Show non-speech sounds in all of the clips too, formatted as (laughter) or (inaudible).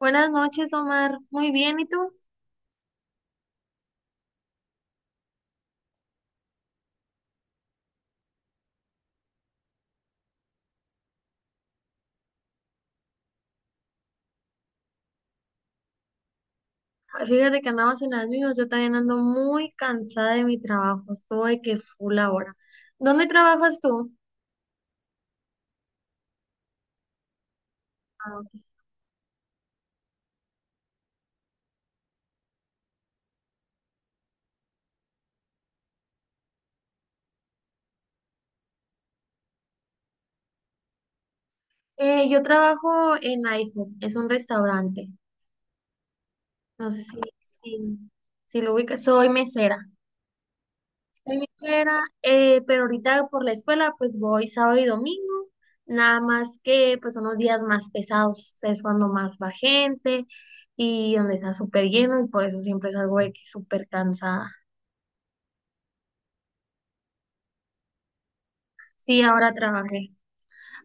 Buenas noches, Omar. Muy bien, ¿y tú? Fíjate que andamos en las mismas. Yo también ando muy cansada de mi trabajo. Estoy que full ahora. ¿Dónde trabajas tú? Ah, ok. Yo trabajo en iPhone. Es un restaurante. No sé si, si lo ubicas. Soy mesera. Soy mesera, pero ahorita por la escuela pues voy sábado y domingo, nada más que pues son los días más pesados, o sea, es cuando más va gente y donde está súper lleno y por eso siempre salgo de que súper cansada. Sí, ahora trabajé,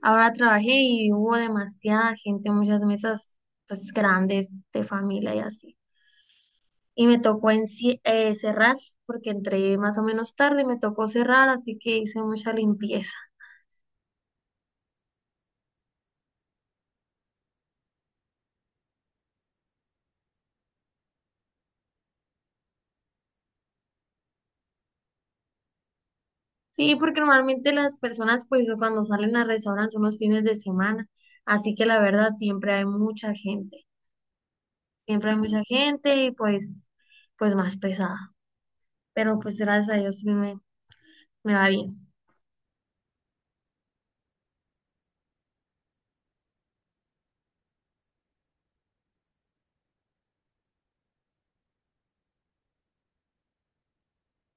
ahora trabajé y hubo demasiada gente, muchas mesas pues grandes de familia y así. Y me tocó cerrar porque entré más o menos tarde, me tocó cerrar, así que hice mucha limpieza. Sí, porque normalmente las personas pues cuando salen a restaurantes son los fines de semana, así que la verdad siempre hay mucha gente y pues más pesada, pero pues gracias a Dios sí me va bien.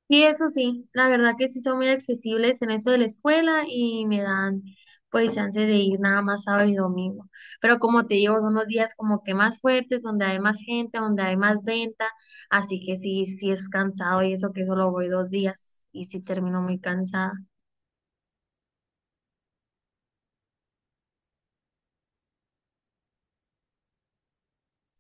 Y eso sí, la verdad que sí son muy accesibles en eso de la escuela y me dan pues chance de ir nada más sábado y domingo. Pero como te digo, son los días como que más fuertes, donde hay más gente, donde hay más venta, así que sí, sí es cansado y eso que solo voy 2 días y sí termino muy cansada.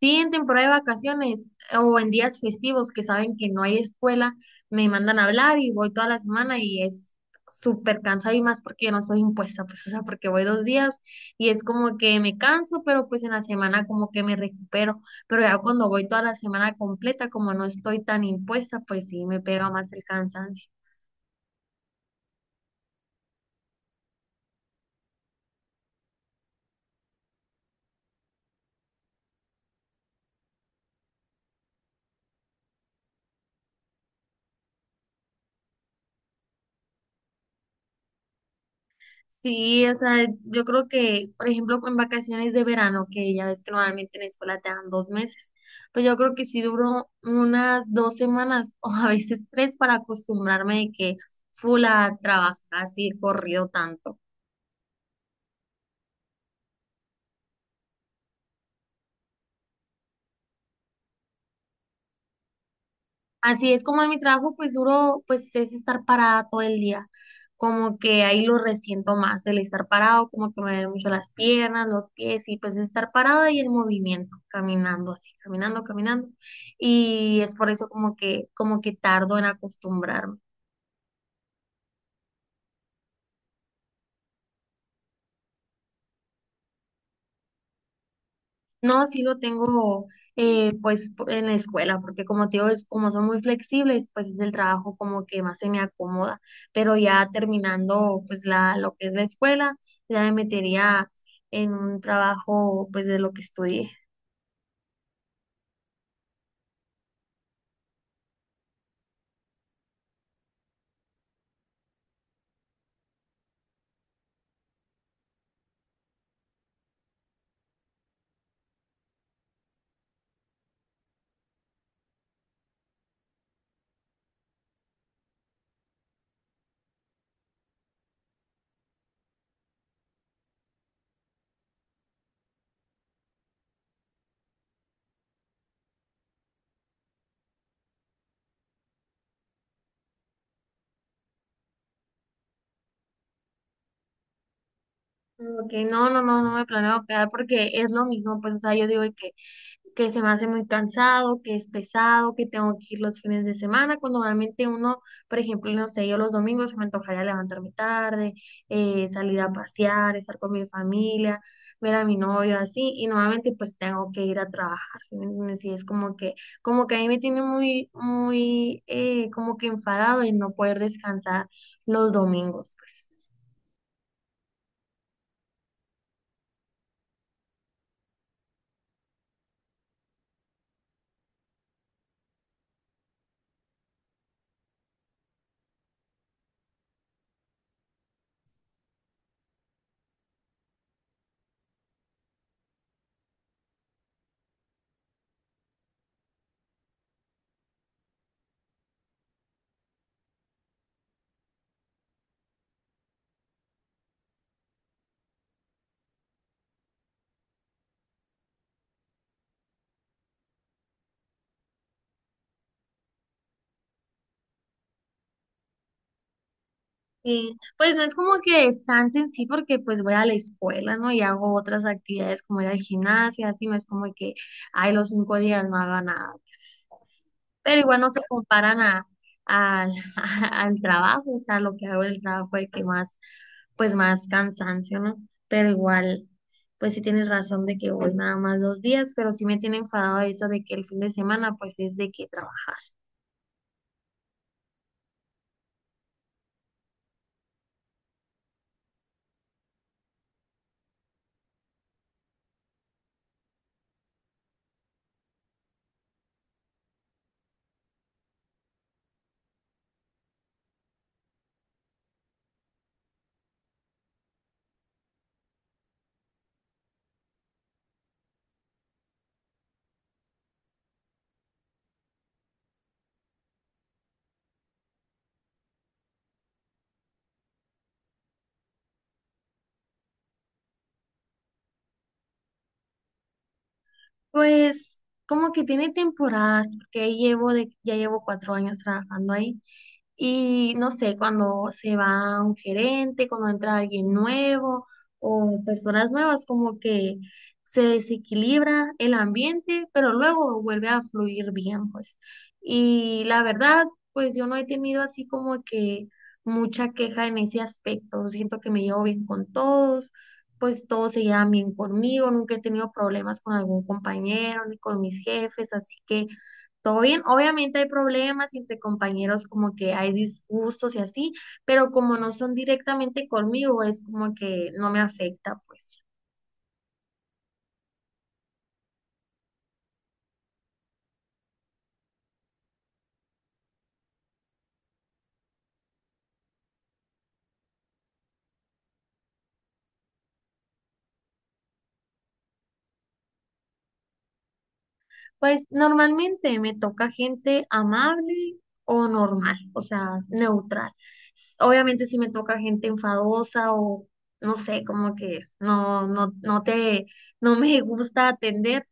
Sí, en temporada de vacaciones o en días festivos que saben que no hay escuela, me mandan a hablar y voy toda la semana y es súper cansado y más porque yo no soy impuesta, pues o sea, porque voy 2 días y es como que me canso, pero pues en la semana como que me recupero, pero ya cuando voy toda la semana completa, como no estoy tan impuesta, pues sí, me pega más el cansancio. Sí, o sea, yo creo que, por ejemplo, en vacaciones de verano, que ya ves que normalmente en la escuela te dan 2 meses, pues yo creo que sí duró unas 2 semanas (laughs) o a veces tres para acostumbrarme de que full a trabajar así corrido tanto. Así es como en mi trabajo, pues duro, pues es estar parada todo el día. Como que ahí lo resiento más, el estar parado, como que me duelen mucho las piernas, los pies, y pues estar parada y el movimiento, caminando así, caminando, caminando. Y es por eso como que tardo en acostumbrarme. No, sí lo tengo pues en la escuela, porque como te digo, es, como son muy flexibles, pues es el trabajo como que más se me acomoda, pero ya terminando pues lo que es la escuela, ya me metería en un trabajo pues de lo que estudié. Como que no, no, no, no me planeo quedar porque es lo mismo, pues o sea, yo digo que se me hace muy cansado, que es pesado, que tengo que ir los fines de semana, cuando normalmente uno, por ejemplo, no sé, yo los domingos me antojaría levantarme tarde, salir a pasear, estar con mi familia, ver a mi novio así, y nuevamente pues tengo que ir a trabajar, ¿sí me entiendes? Y es como que a mí me tiene muy, muy, como que enfadado y no poder descansar los domingos, pues. Sí, pues no es como que descanse en sí porque pues voy a la escuela, ¿no? Y hago otras actividades como ir al gimnasio, así no es como que, ay, los 5 días no haga nada. Pero igual no se comparan al (laughs) al trabajo, o sea, lo que hago en el trabajo de que más, pues más cansancio, ¿no? Pero igual, pues sí tienes razón de que voy nada más 2 días, pero sí me tiene enfadado eso de que el fin de semana pues es de que trabajar. Pues como que tiene temporadas, porque ahí ya llevo 4 años trabajando ahí. Y no sé, cuando se va un gerente, cuando entra alguien nuevo o personas nuevas, como que se desequilibra el ambiente, pero luego vuelve a fluir bien, pues. Y la verdad, pues yo no he tenido así como que mucha queja en ese aspecto. Siento que me llevo bien con todos, pues todos se llevan bien conmigo, nunca he tenido problemas con algún compañero ni con mis jefes, así que... Todo bien, obviamente hay problemas entre compañeros, como que hay disgustos y así, pero como no son directamente conmigo, es como que no me afecta, pues. Pues normalmente me toca gente amable o normal, o sea, neutral. S- Obviamente si me toca gente enfadosa o no sé, como que no me (laughs) gusta atender,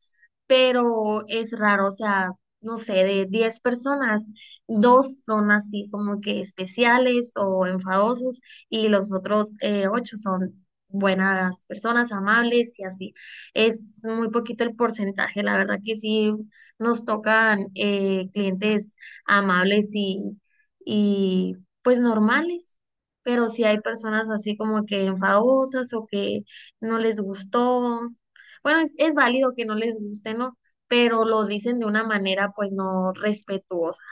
pero es raro, o sea, no sé, de 10 personas, dos son así como que especiales o enfadosos y los otros ocho son buenas personas, amables y así es muy poquito el porcentaje. La verdad que sí nos tocan clientes amables y pues normales, pero sí hay personas así como que enfadosas o que no les gustó. Bueno, es válido que no les guste, ¿no? Pero lo dicen de una manera pues no respetuosa.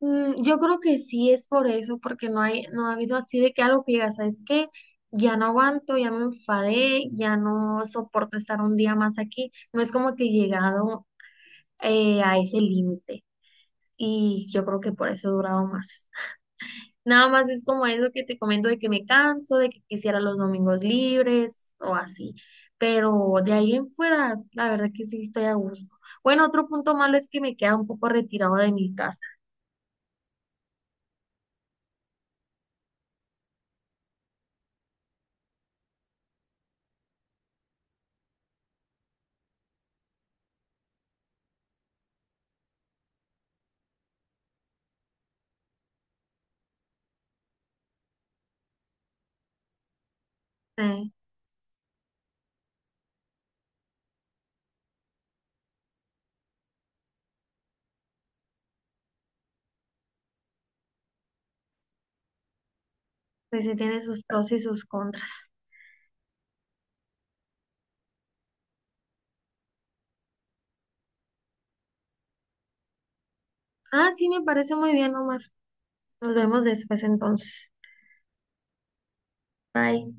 Mm, yo creo que sí es por eso, porque no hay, no ha habido así de que algo que digas, ¿sabes qué? Ya no aguanto, ya me enfadé, ya no soporto estar un día más aquí. No es como que he llegado a ese límite. Y yo creo que por eso he durado más. Nada más es como eso que te comento de que me canso, de que quisiera los domingos libres o así. Pero de ahí en fuera, la verdad que sí estoy a gusto. Bueno, otro punto malo es que me queda un poco retirado de mi casa. Eh, Pues sí tiene sus pros y sus contras. Ah, sí, me parece muy bien, Omar. Nos vemos después entonces. Bye.